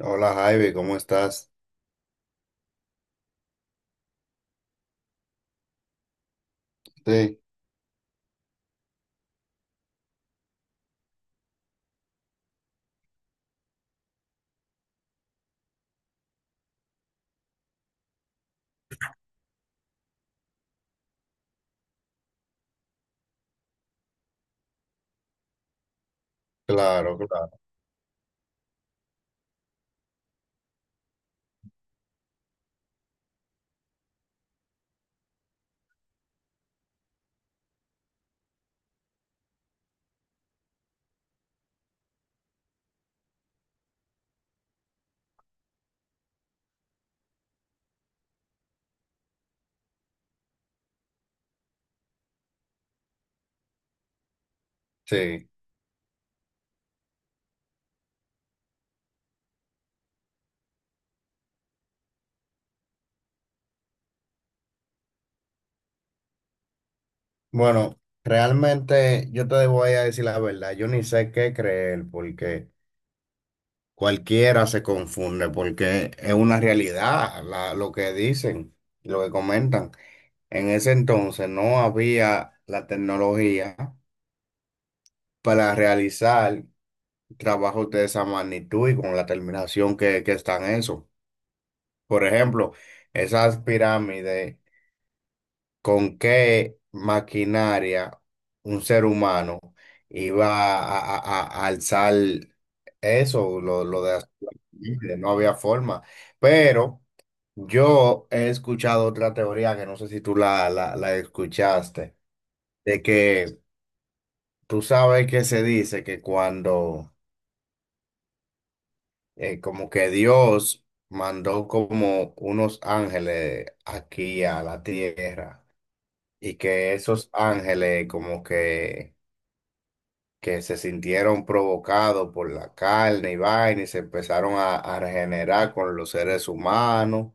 Hola Javi, ¿cómo estás? Sí. Claro, claro. Sí. Bueno, realmente yo te voy a decir la verdad, yo ni sé qué creer porque cualquiera se confunde porque es una realidad lo que dicen, lo que comentan. En ese entonces no había la tecnología para realizar trabajos de esa magnitud y con la terminación que están eso. Por ejemplo, esas pirámides. Con qué maquinaria un ser humano iba a alzar eso, lo de hacer la pirámide, no había forma. Pero yo he escuchado otra teoría que no sé si tú la escuchaste, de que tú sabes que se dice que cuando como que Dios mandó como unos ángeles aquí a la tierra y que esos ángeles como que se sintieron provocados por la carne y vaina y se empezaron a regenerar con los seres humanos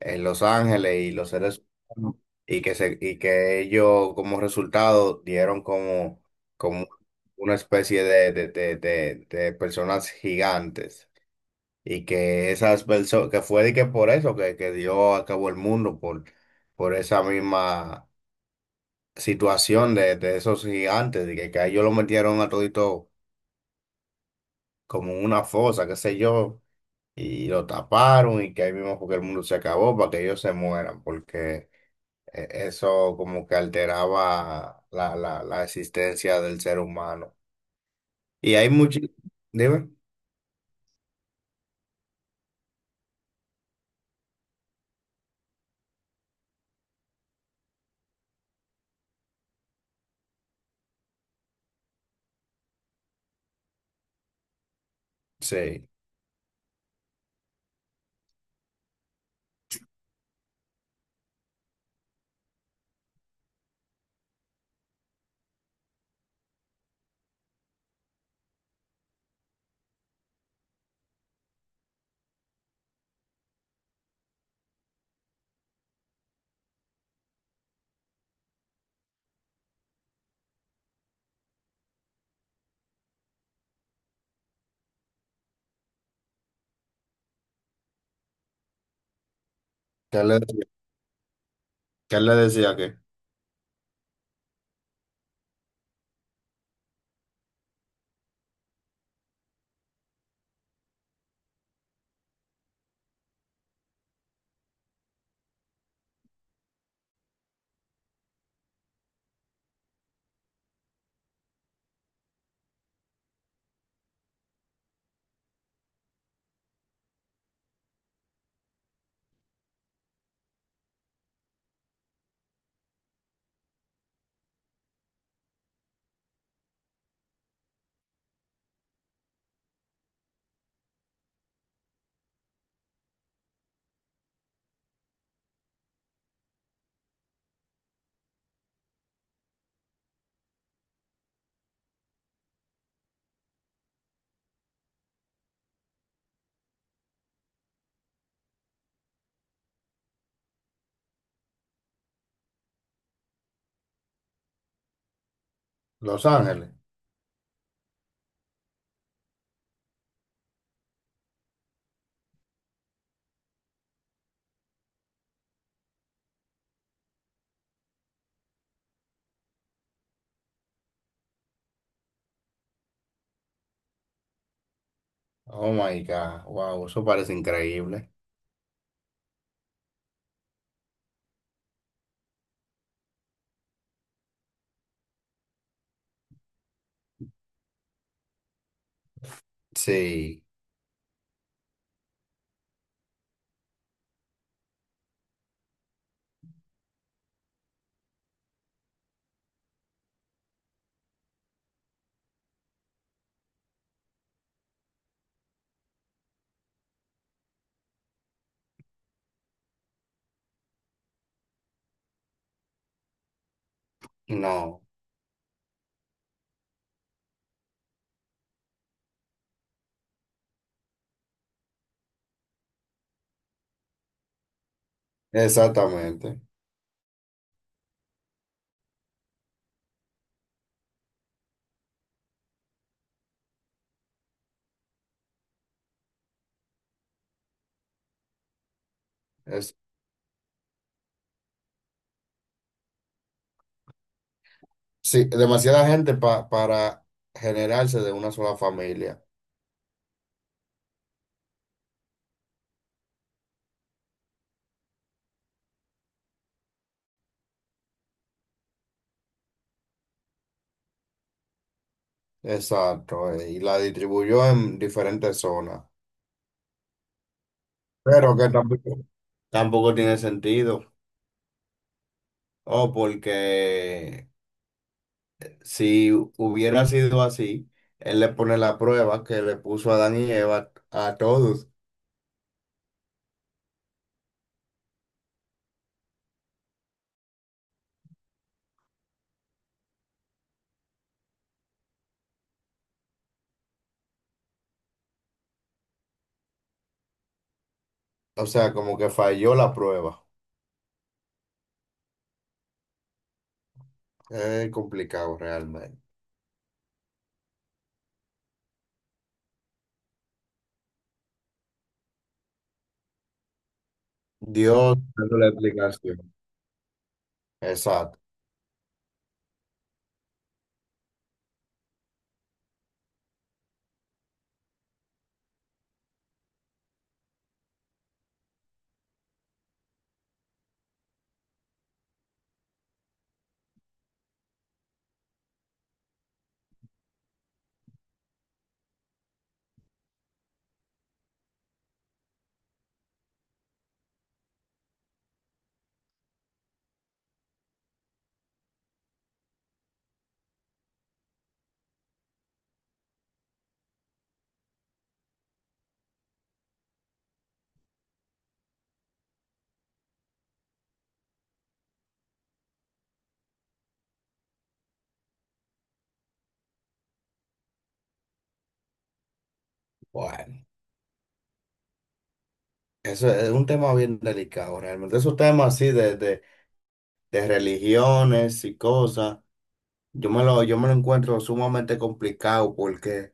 en Los Ángeles y los seres humanos y que ellos como resultado dieron como, como una especie de personas gigantes y que esas personas, que fue de que por eso que dio a cabo el mundo, por esa misma situación de esos gigantes, de que a ellos lo metieron a todito como en una fosa, qué sé yo, y lo taparon y que ahí mismo fue que el mundo se acabó para que ellos se mueran, porque eso como que alteraba la existencia del ser humano. Y hay muchos, dime, sí, ¿qué le, decía- ¿qué le decía que? Los Ángeles. Oh my God, wow, eso parece increíble. Sí, no, exactamente. Es, sí, demasiada gente para generarse de una sola familia. Exacto, y la distribuyó en diferentes zonas, pero que tampoco, tampoco tiene sentido, o porque si hubiera sido así, él le pone la prueba que le puso a Adán y Eva a todos, o sea, como que falló la prueba, es complicado realmente. Dios, dando la explicación. Exacto, bueno, eso es un tema bien delicado realmente, esos temas así de religiones y cosas. Yo me lo encuentro sumamente complicado porque,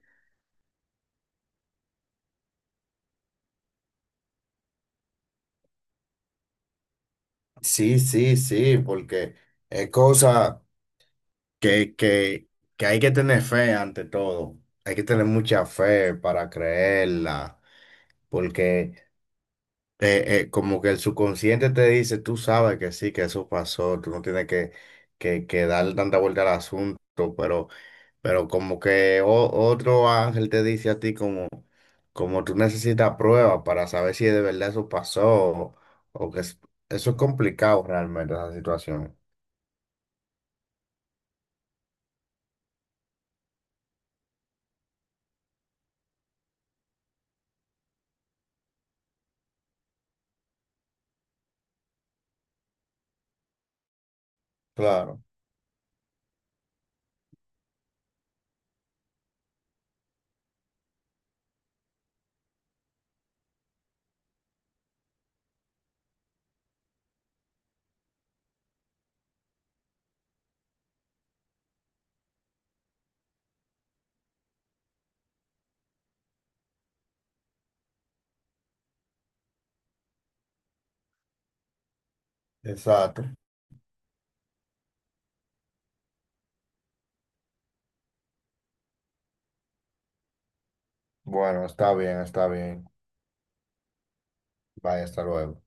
sí, sí, sí, porque es cosa que, que, que hay que tener fe ante todo. Hay que tener mucha fe para creerla, porque como que el subconsciente te dice, tú sabes que sí, que eso pasó, tú no tienes que darle tanta vuelta al asunto, pero, pero como que otro ángel te dice a ti como, como tú necesitas pruebas para saber si de verdad eso pasó o eso es complicado realmente, esa situación. Claro, exacto. Bueno, está bien, está bien. Vaya, hasta luego.